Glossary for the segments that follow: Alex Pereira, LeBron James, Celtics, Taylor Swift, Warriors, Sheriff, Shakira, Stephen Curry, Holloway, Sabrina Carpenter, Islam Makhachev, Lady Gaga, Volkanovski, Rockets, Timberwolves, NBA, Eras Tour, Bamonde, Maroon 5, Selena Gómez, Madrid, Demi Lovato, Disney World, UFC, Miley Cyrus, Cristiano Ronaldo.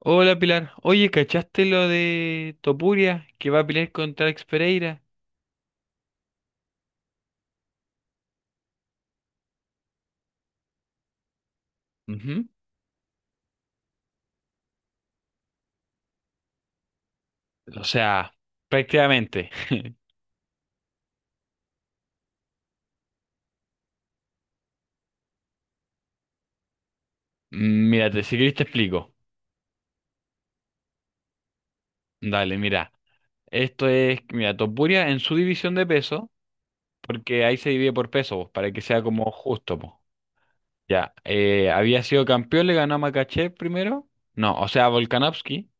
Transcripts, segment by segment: Hola Pilar, oye, ¿cachaste lo de Topuria que va a pelear contra Alex Pereira? Ujú. O sea, prácticamente. Mírate, si querés te explico. Dale, mira. Esto es, mira, Topuria en su división de peso, porque ahí se divide por peso, pues, para que sea como justo, pues. Ya, había sido campeón, le ganó a Makachev primero. No, o sea, a Volkanovski.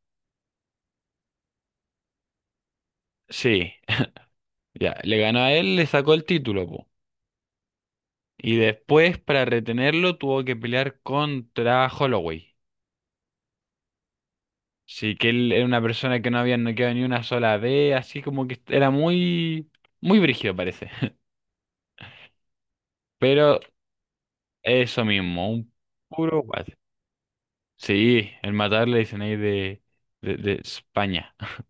Sí, ya, le ganó a él, le sacó el título, pues. Y después, para retenerlo, tuvo que pelear contra Holloway. Sí, que él era una persona que no había noqueado ni una sola vez, así como que era muy brígido parece. Pero eso mismo, un puro guate. Sí, el matar le dicen ahí de España.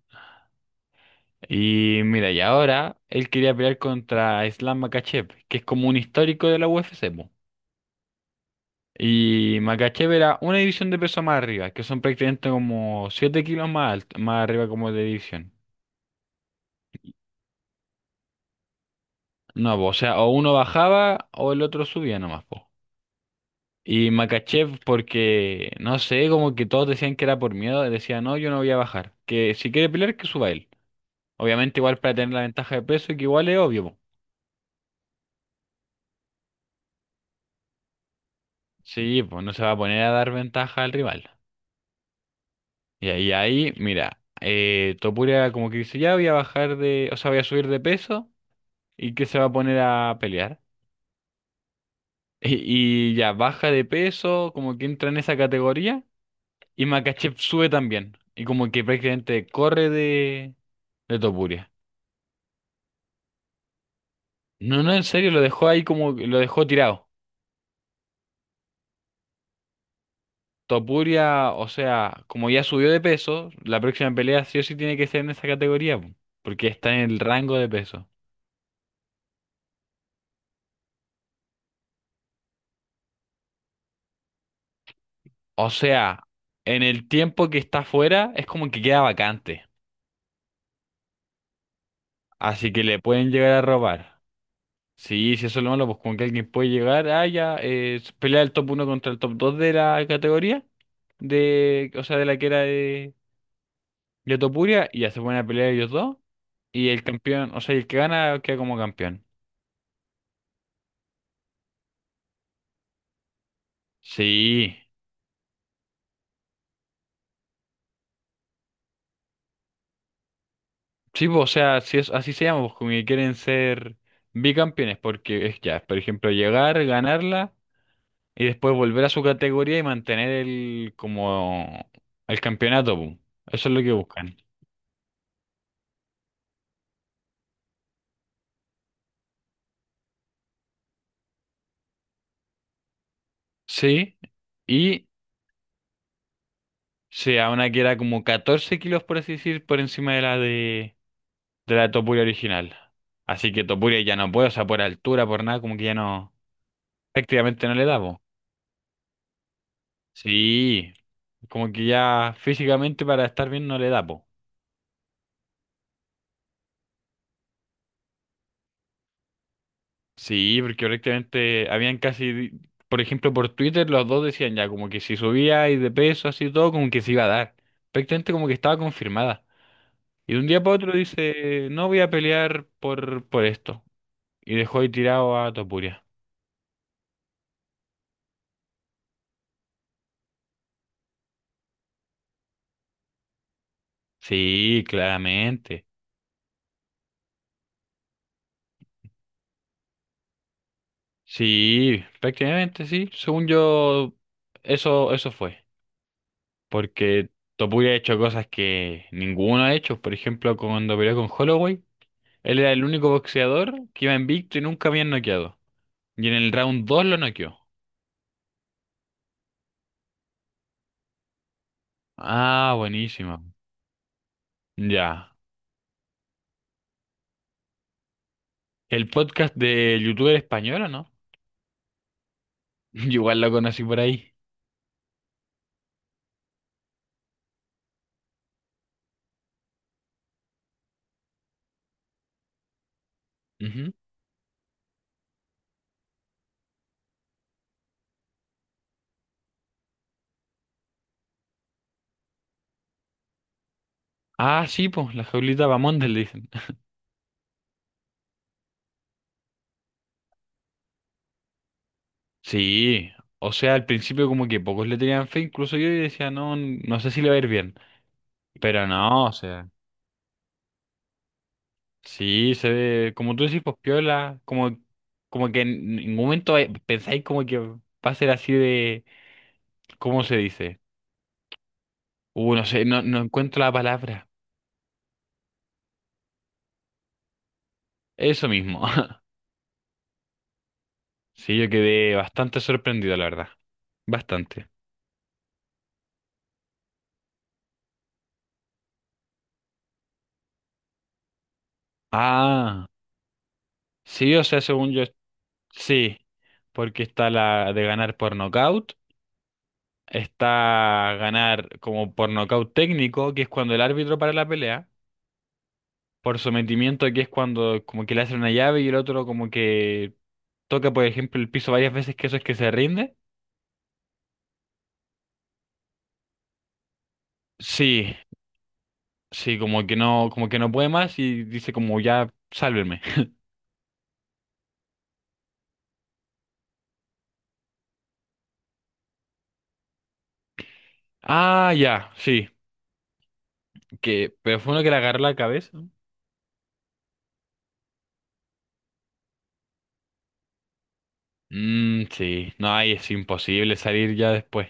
Y mira, y ahora él quería pelear contra Islam Makhachev, que es como un histórico de la UFC, po. Y Makhachev era una división de peso más arriba, que son prácticamente como 7 kilos más, más arriba como de división. No, po, o sea, o uno bajaba o el otro subía nomás, po. Y Makachev, porque no sé, como que todos decían que era por miedo, decía, no, yo no voy a bajar. Que si quiere pelear, que suba él. Obviamente, igual para tener la ventaja de peso, que igual es obvio, po. Sí, pues no se va a poner a dar ventaja al rival. Y mira, Topuria como que dice, ya voy a bajar de, o sea, voy a subir de peso y que se va a poner a pelear. Y ya baja de peso, como que entra en esa categoría. Y Makachev sube también. Y como que prácticamente corre de Topuria. No, en serio, lo dejó ahí como lo dejó tirado. Topuria, o sea, como ya subió de peso, la próxima pelea sí o sí tiene que ser en esa categoría, po, porque está en el rango de peso. O sea, en el tiempo que está fuera es como que queda vacante, así que le pueden llegar a robar. Sí, si eso es lo malo, pues como que alguien puede llegar, ah, ya, pelea el top uno contra el top 2 de la categoría, de, o sea, de la que era de Topuria, y ya se ponen a pelear ellos dos, y el campeón, o sea, el que gana queda como campeón. Sí, sí, po, o sea, si es, así se llama, pues, como que quieren ser bicampeones, porque es ya, por ejemplo, llegar, ganarla y después volver a su categoría y mantener el como el campeonato, po. Eso es lo que buscan. Sí, y sea una que era como 14 kilos, por así decir, por encima de la Topuria original. Así que Topuria ya no puede, o sea, por altura, por nada, como que ya no, prácticamente no le da. Sí, como que ya físicamente para estar bien no le da, po. Sí, porque prácticamente habían casi, por ejemplo, por Twitter los dos decían ya como que si subía y de peso así todo, como que se iba a dar. Prácticamente como que estaba confirmada. Y de un día para otro dice, no voy a pelear por esto. Y dejó ahí tirado a Topuria. Sí, claramente. Sí, prácticamente sí. Según yo, eso fue, porque Topuria ha hecho cosas que ninguno ha hecho. Por ejemplo, cuando peleó con Holloway, él era el único boxeador que iba invicto y nunca habían noqueado. Y en el round 2 lo noqueó. Ah, buenísimo. Ya. ¿El podcast de youtuber español o no? Yo igual lo conocí por ahí. Ujú. Ah, sí, pues, la jaulita Bamonde le dicen. Sí, o sea, al principio como que pocos le tenían fe, incluso yo y decía, no, no sé si le va a ir bien. Pero no, o sea. Sí, se ve, como tú decís, pues piola, como, como que en ningún momento pensáis como que va a ser así de, ¿cómo se dice? No sé, no encuentro la palabra. Eso mismo. Sí, yo quedé bastante sorprendido, la verdad. Bastante. Ah, sí, o sea, según yo, sí, porque está la de ganar por nocaut, está ganar como por nocaut técnico, que es cuando el árbitro para la pelea, por sometimiento, que es cuando como que le hacen una llave y el otro como que toca, por ejemplo, el piso varias veces, que eso es que se rinde. Sí, sí, como que no puede más y dice como ya, sálvenme. Ah, ya, sí, que, pero fue uno que le agarró la cabeza. Sí, no, ahí es imposible salir ya después.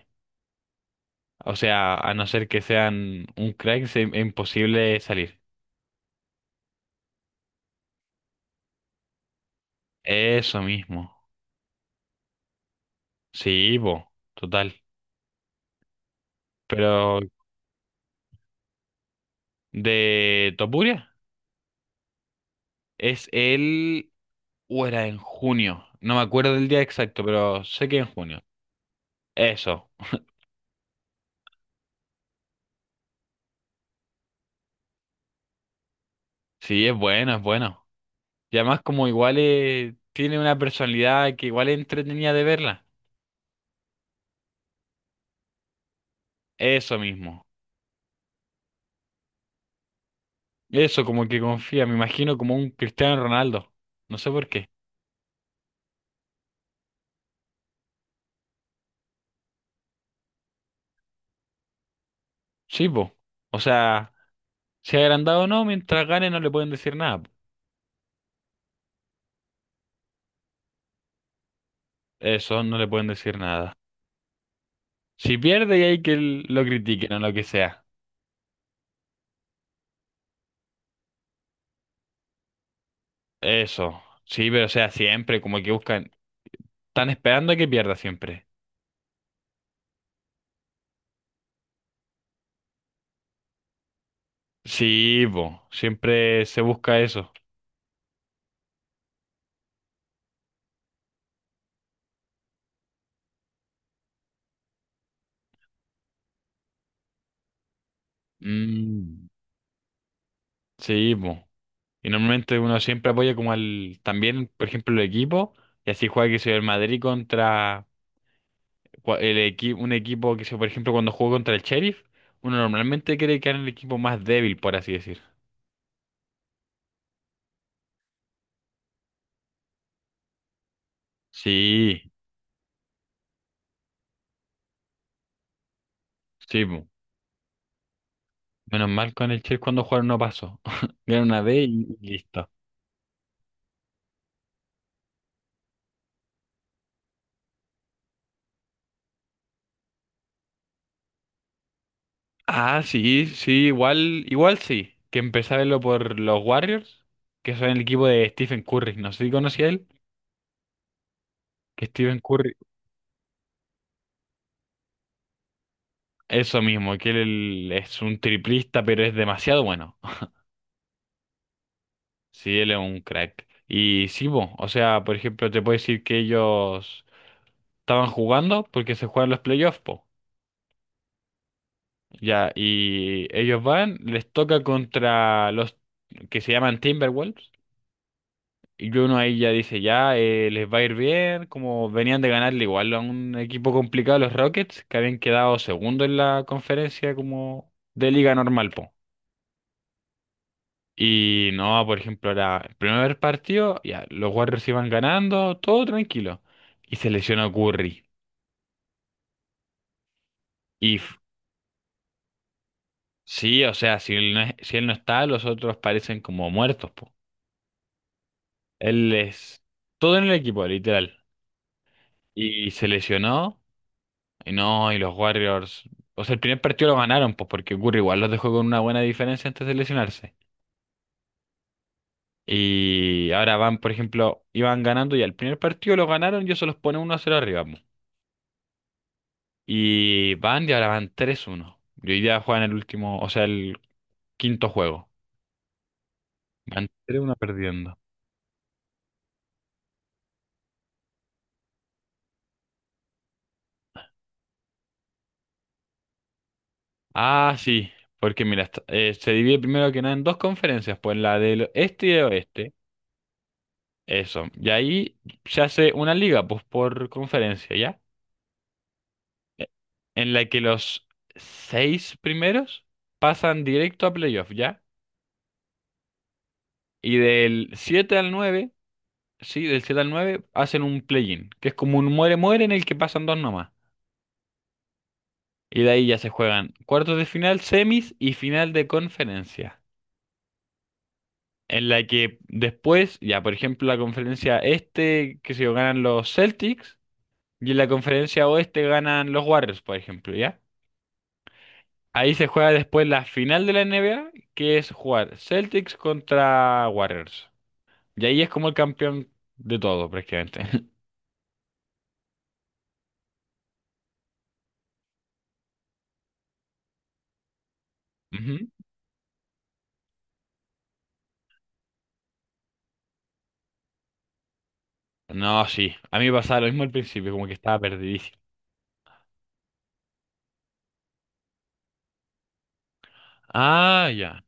O sea, a no ser que sean un crack, es imposible salir. Eso mismo. Sí, po, total. Pero, ¿de Topuria? Es el... o era en junio. No me acuerdo del día exacto, pero sé que en junio. Eso. Sí, es bueno, es bueno. Y además como igual tiene una personalidad que igual es entretenida de verla. Eso mismo. Eso como que confía, me imagino como un Cristiano Ronaldo. No sé por qué. Sí, po. O sea, si ha agrandado o no, mientras gane no le pueden decir nada, po. Eso, no le pueden decir nada. Si pierde y hay que lo critiquen o lo que sea. Eso. Sí, pero o sea, siempre como que buscan. Están esperando a que pierda siempre. Sí, po, siempre se busca eso. Mm. Sí, po. Y normalmente uno siempre apoya como al, también, por ejemplo, el equipo, y así juega que soy el Madrid contra un equipo que sea, por ejemplo, cuando juega contra el Sheriff, uno normalmente quiere que en el equipo más débil, por así decir. Sí, sí, po. Menos mal con el Sheriff cuando jugaron no pasó. Era una vez y listo. Ah, sí, sí, igual, igual sí. Que empecé a verlo por los Warriors, que son el equipo de Stephen Curry. No sé si conocía a él. Que Stephen Curry, eso mismo, que él es un triplista, pero es demasiado bueno. Sí, él es un crack. Y sí, po, o sea, por ejemplo, te puedo decir que ellos estaban jugando porque se juegan los playoffs, po. Ya, y ellos van, les toca contra los que se llaman Timberwolves. Y uno ahí ya dice, ya, les va a ir bien, como venían de ganarle igual a un equipo complicado, los Rockets, que habían quedado segundo en la conferencia como de liga normal, po. Y no, por ejemplo, era el primer partido, ya, los Warriors iban ganando, todo tranquilo. Y se lesionó Curry. Y f- sí, o sea, si él si él no está, los otros parecen como muertos, po. Él es todo en el equipo, literal. Y se lesionó. Y no, y los Warriors. O sea, el primer partido lo ganaron, pues porque Curry igual los dejó con una buena diferencia antes de lesionarse. Y ahora van, por ejemplo, iban ganando y al primer partido lo ganaron y eso los pone 1-0 arriba, po. Y van y ahora van 3-1. Y hoy día juegan el último, o sea, el quinto juego. Van tres uno perdiendo. Ah, sí, porque mira, se divide primero que nada en dos conferencias, pues la del este y del oeste. Eso. Y ahí se hace una liga, pues por conferencia, ¿ya? En la que los seis primeros pasan directo a playoff, ¿ya? Y del 7 al nueve, sí, del siete al nueve hacen un play-in, que es como un muere-muere en el que pasan dos nomás. Y de ahí ya se juegan cuartos de final, semis y final de conferencia. En la que después, ya por ejemplo, la conferencia este, que sé yo, ganan los Celtics, y en la conferencia oeste ganan los Warriors, por ejemplo, ¿ya? Ahí se juega después la final de la NBA, que es jugar Celtics contra Warriors. Y ahí es como el campeón de todo, prácticamente. Ujú. No, sí. A mí me pasaba lo mismo al principio, como que estaba perdidísimo. Ah, ya.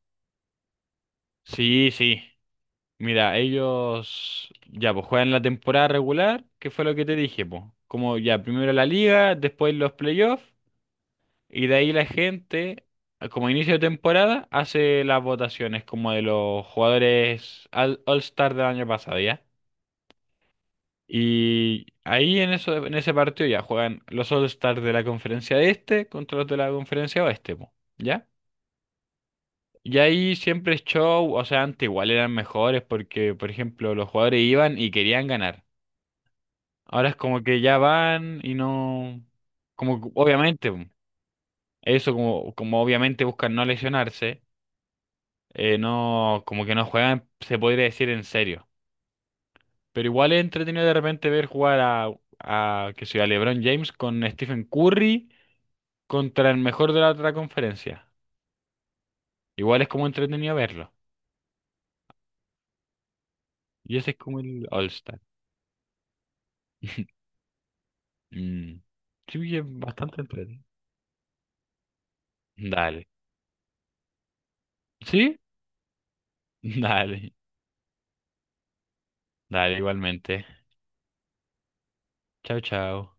Sí, sí. Mira, ellos ya pues juegan la temporada regular, que fue lo que te dije, pues. Como ya primero la liga, después los playoffs. Y de ahí la gente, como inicio de temporada, hace las votaciones como de los jugadores All-Star del año pasado, ¿ya? Y ahí en eso, en ese partido ya juegan los All-Star de la conferencia este contra los de la conferencia oeste, po, ¿ya? Y ahí siempre es show, o sea, antes igual eran mejores porque, por ejemplo, los jugadores iban y querían ganar. Ahora es como que ya van y no, como que obviamente, eso como, como obviamente buscan no lesionarse, no, como que no juegan, se podría decir en serio. Pero igual es entretenido de repente ver jugar a que sea LeBron James con Stephen Curry contra el mejor de la otra conferencia. Igual es como entretenido verlo. Y ese es como el All-Star. Mm. Sí, es bastante entretenido. Dale. ¿Sí? Dale. Dale, igualmente. Chao, chao.